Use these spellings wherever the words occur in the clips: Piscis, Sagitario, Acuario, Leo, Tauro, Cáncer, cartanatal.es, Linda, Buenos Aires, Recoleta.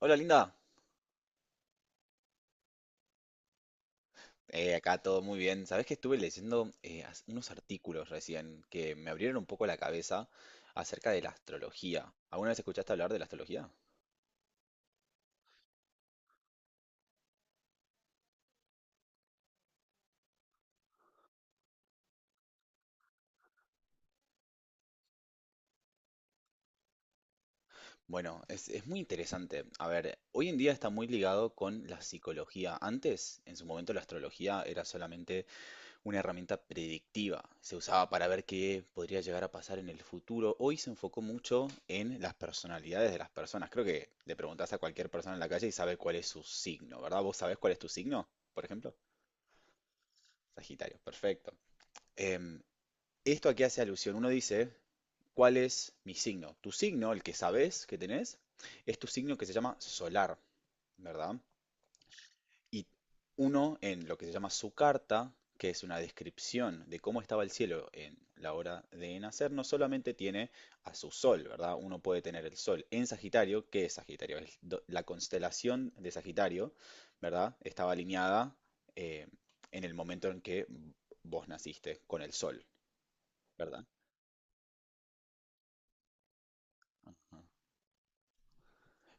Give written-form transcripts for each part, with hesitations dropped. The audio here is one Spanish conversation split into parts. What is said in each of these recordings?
Hola, Linda. Acá todo muy bien. Sabes que estuve leyendo unos artículos recién que me abrieron un poco la cabeza acerca de la astrología. ¿Alguna vez escuchaste hablar de la astrología? Bueno, es muy interesante. A ver, hoy en día está muy ligado con la psicología. Antes, en su momento, la astrología era solamente una herramienta predictiva. Se usaba para ver qué podría llegar a pasar en el futuro. Hoy se enfocó mucho en las personalidades de las personas. Creo que le preguntás a cualquier persona en la calle y sabe cuál es su signo, ¿verdad? ¿Vos sabés cuál es tu signo? Por ejemplo, Sagitario, perfecto. Em, Esto aquí hace alusión. Uno dice, ¿cuál es mi signo? Tu signo, el que sabés que tenés, es tu signo que se llama solar, ¿verdad? Y uno en lo que se llama su carta, que es una descripción de cómo estaba el cielo en la hora de nacer, no solamente tiene a su sol, ¿verdad? Uno puede tener el sol en Sagitario. ¿Qué es Sagitario? La constelación de Sagitario, ¿verdad? Estaba alineada eh, en el momento en que vos naciste con el sol, ¿verdad?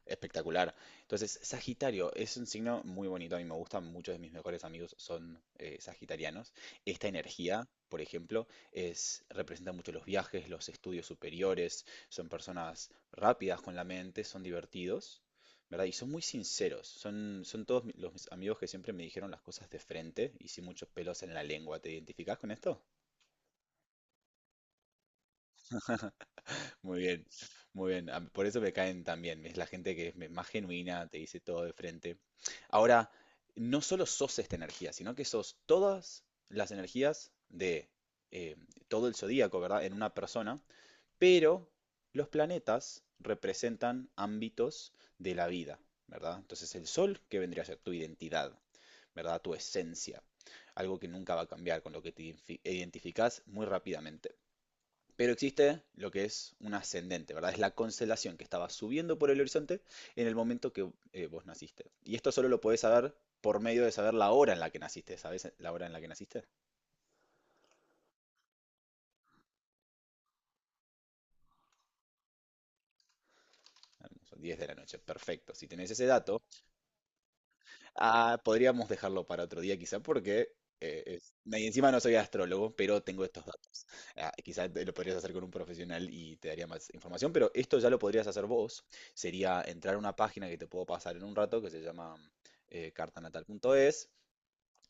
Espectacular. Entonces, Sagitario es un signo muy bonito. A mí me gustan, muchos de mis mejores amigos son sagitarianos. Esta energía, por ejemplo, es representa mucho los viajes, los estudios superiores. Son personas rápidas con la mente, son divertidos, ¿verdad? Y son muy sinceros. Los mis amigos que siempre me dijeron las cosas de frente y sin muchos pelos en la lengua. ¿Te identificás con esto? Muy bien, muy bien. Por eso me caen también. Es la gente que más genuina, te dice todo de frente. Ahora, no solo sos esta energía, sino que sos todas las energías de eh, todo el zodíaco, ¿verdad? En una persona, pero los planetas representan ámbitos de la vida, ¿verdad? Entonces el sol, que vendría a ser tu identidad, ¿verdad? Tu esencia, algo que nunca va a cambiar, con lo que te identificas muy rápidamente. Pero existe lo que es un ascendente, ¿verdad? Es la constelación que estaba subiendo por el horizonte en el momento que vos naciste. Y esto solo lo podés saber por medio de saber la hora en la que naciste. ¿Sabés la hora en la que naciste? Ah, no, son 10 de la noche. Perfecto. Si tenés ese dato... Ah, podríamos dejarlo para otro día quizá porque y encima no soy astrólogo, pero tengo estos datos. Ah, quizá lo podrías hacer con un profesional y te daría más información, pero esto ya lo podrías hacer vos. Sería entrar a una página que te puedo pasar en un rato que se llama cartanatal.es,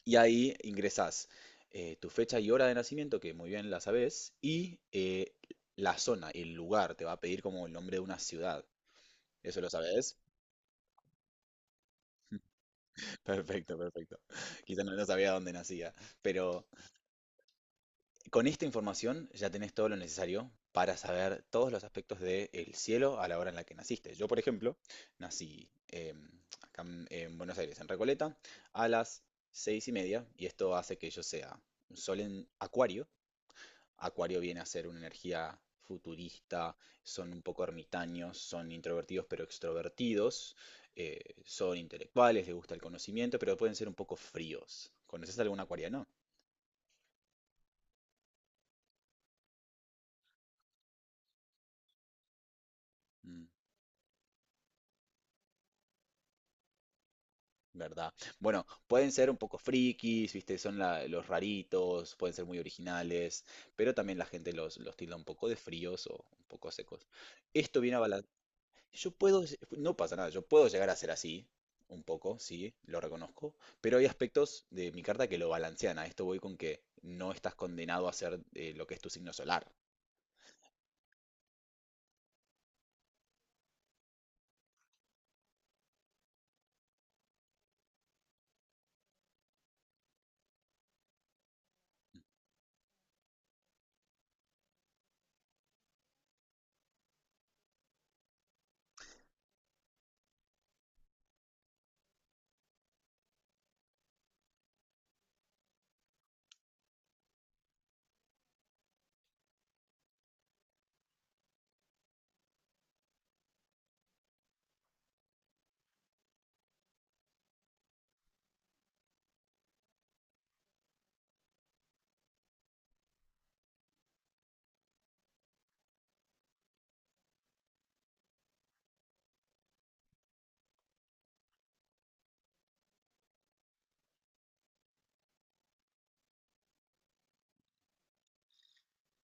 y ahí ingresás tu fecha y hora de nacimiento, que muy bien la sabés, y la zona, el lugar, te va a pedir como el nombre de una ciudad. ¿Eso lo sabés? Perfecto, perfecto. Quizá no sabía dónde nacía, pero... Con esta información ya tenés todo lo necesario para saber todos los aspectos del cielo a la hora en la que naciste. Yo, por ejemplo, nací acá en Buenos Aires, en Recoleta, a las 6:30, y esto hace que yo sea un sol en Acuario. Acuario viene a ser una energía futurista, son un poco ermitaños, son introvertidos pero extrovertidos, son intelectuales, les gusta el conocimiento, pero pueden ser un poco fríos. ¿Conoces algún acuariano? Mm. ¿Verdad? Bueno, pueden ser un poco frikis, ¿viste? Los raritos, pueden ser muy originales, pero también la gente los tilda un poco de fríos o un poco secos. Esto viene a balan- Yo puedo, no pasa nada, yo puedo llegar a ser así, un poco, sí, lo reconozco, pero hay aspectos de mi carta que lo balancean. A esto voy con que no estás condenado a ser lo que es tu signo solar.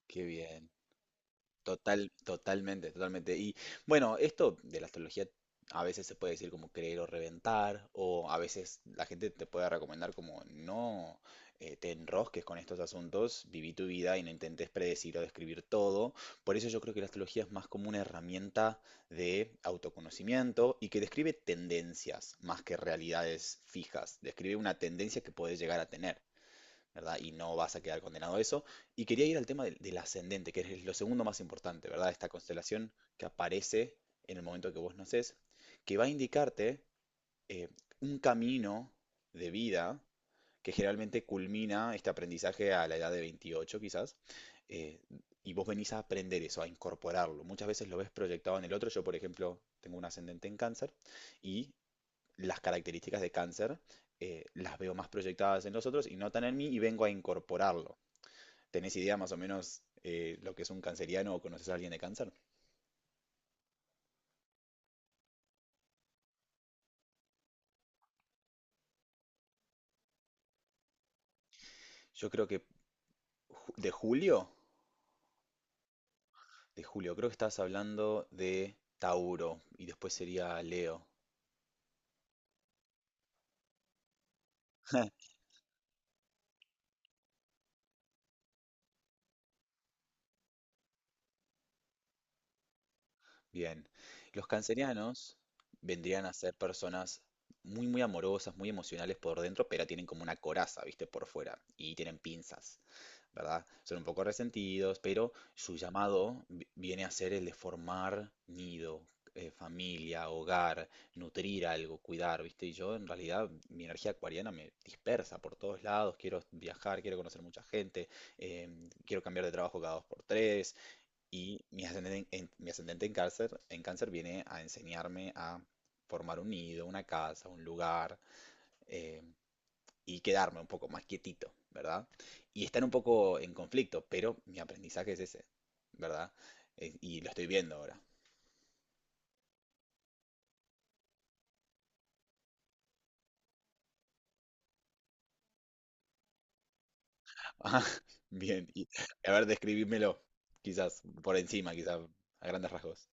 Qué bien. Total, totalmente, totalmente. Y bueno, esto de la astrología a veces se puede decir como creer o reventar, o a veces la gente te puede recomendar como no te enrosques con estos asuntos, viví tu vida y no intentes predecir o describir todo. Por eso yo creo que la astrología es más como una herramienta de autoconocimiento y que describe tendencias más que realidades fijas, describe una tendencia que puedes llegar a tener, ¿verdad? Y no vas a quedar condenado a eso. Y quería ir al tema del ascendente, que es lo segundo más importante, ¿verdad? Esta constelación que aparece en el momento que vos nacés, que va a indicarte eh, un camino de vida que generalmente culmina este aprendizaje a la edad de 28 quizás, eh, y vos venís a aprender eso, a incorporarlo. Muchas veces lo ves proyectado en el otro. Yo, por ejemplo, tengo un ascendente en cáncer, y las características de cáncer las veo más proyectadas en los otros y no tan en mí, y vengo a incorporarlo. ¿Tenés idea más o menos lo que es un canceriano o conoces a alguien de cáncer? Yo creo que de julio, de julio, creo que estabas hablando de Tauro y después sería Leo. Bien, los cancerianos vendrían a ser personas muy, muy amorosas, muy emocionales por dentro, pero tienen como una coraza, ¿viste? Por fuera, y tienen pinzas, ¿verdad? Son un poco resentidos, pero su llamado viene a ser el de formar nido, familia, hogar, nutrir algo, cuidar, ¿viste? Y yo en realidad mi energía acuariana me dispersa por todos lados, quiero viajar, quiero conocer mucha gente, quiero cambiar de trabajo cada dos por tres, y mi ascendente mi ascendente en cáncer viene a enseñarme a formar un nido, una casa, un lugar. em, y quedarme un poco más quietito, ¿verdad? Y estar un poco en conflicto, pero mi aprendizaje es ese, ¿verdad? Y lo estoy viendo ahora. Ah, bien, y a ver, describímelo, quizás por encima, quizás a grandes rasgos.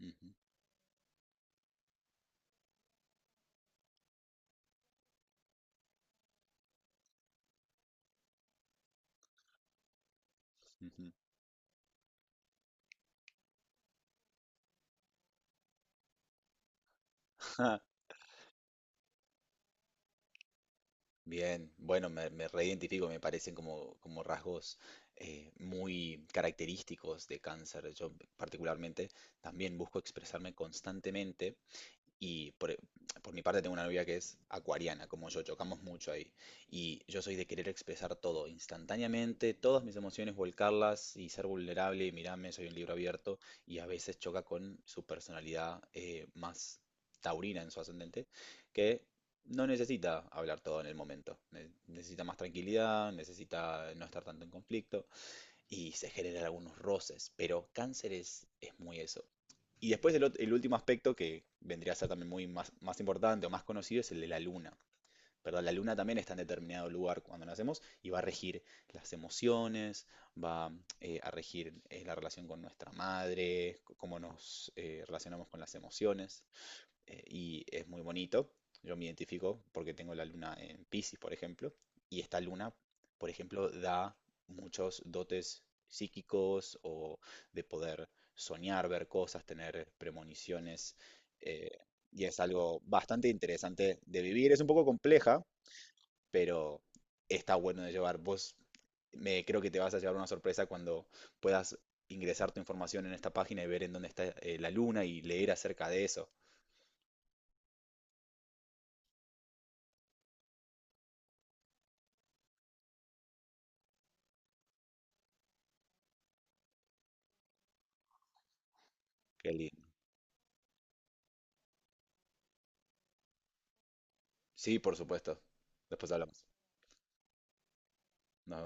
Ujú, ujú. Bien, bueno, me reidentifico, me parecen como, como rasgos muy característicos de cáncer. Yo particularmente también busco expresarme constantemente. Y por, e- por mi parte tengo una novia que es acuariana, como yo, chocamos mucho ahí. Y yo soy de querer expresar todo instantáneamente, todas mis emociones, volcarlas y ser vulnerable y mirarme, soy un libro abierto. Y a veces choca con su personalidad más taurina en su ascendente, que no necesita hablar todo en el momento. Necesita más tranquilidad, necesita no estar tanto en conflicto y se generan algunos roces. Pero Cáncer es muy eso. Y después el último aspecto que vendría a ser también más importante o más conocido es el de la luna, ¿verdad? La luna también está en determinado lugar cuando nacemos y va a regir las emociones, va a regir la relación con nuestra madre, cómo nos relacionamos con las emociones, y es muy bonito. Yo me identifico porque tengo la luna en Piscis, por ejemplo, y esta luna, por ejemplo, da muchos dotes psíquicos o de poder soñar, ver cosas, tener premoniciones, eh, y es algo bastante interesante de vivir. Es un poco compleja, pero está bueno de llevar. Vos, me creo que te vas a llevar una sorpresa cuando puedas ingresar tu información en esta página y ver en dónde está la luna y leer acerca de eso. Qué lindo. Sí, por supuesto. Después hablamos. Nos vemos.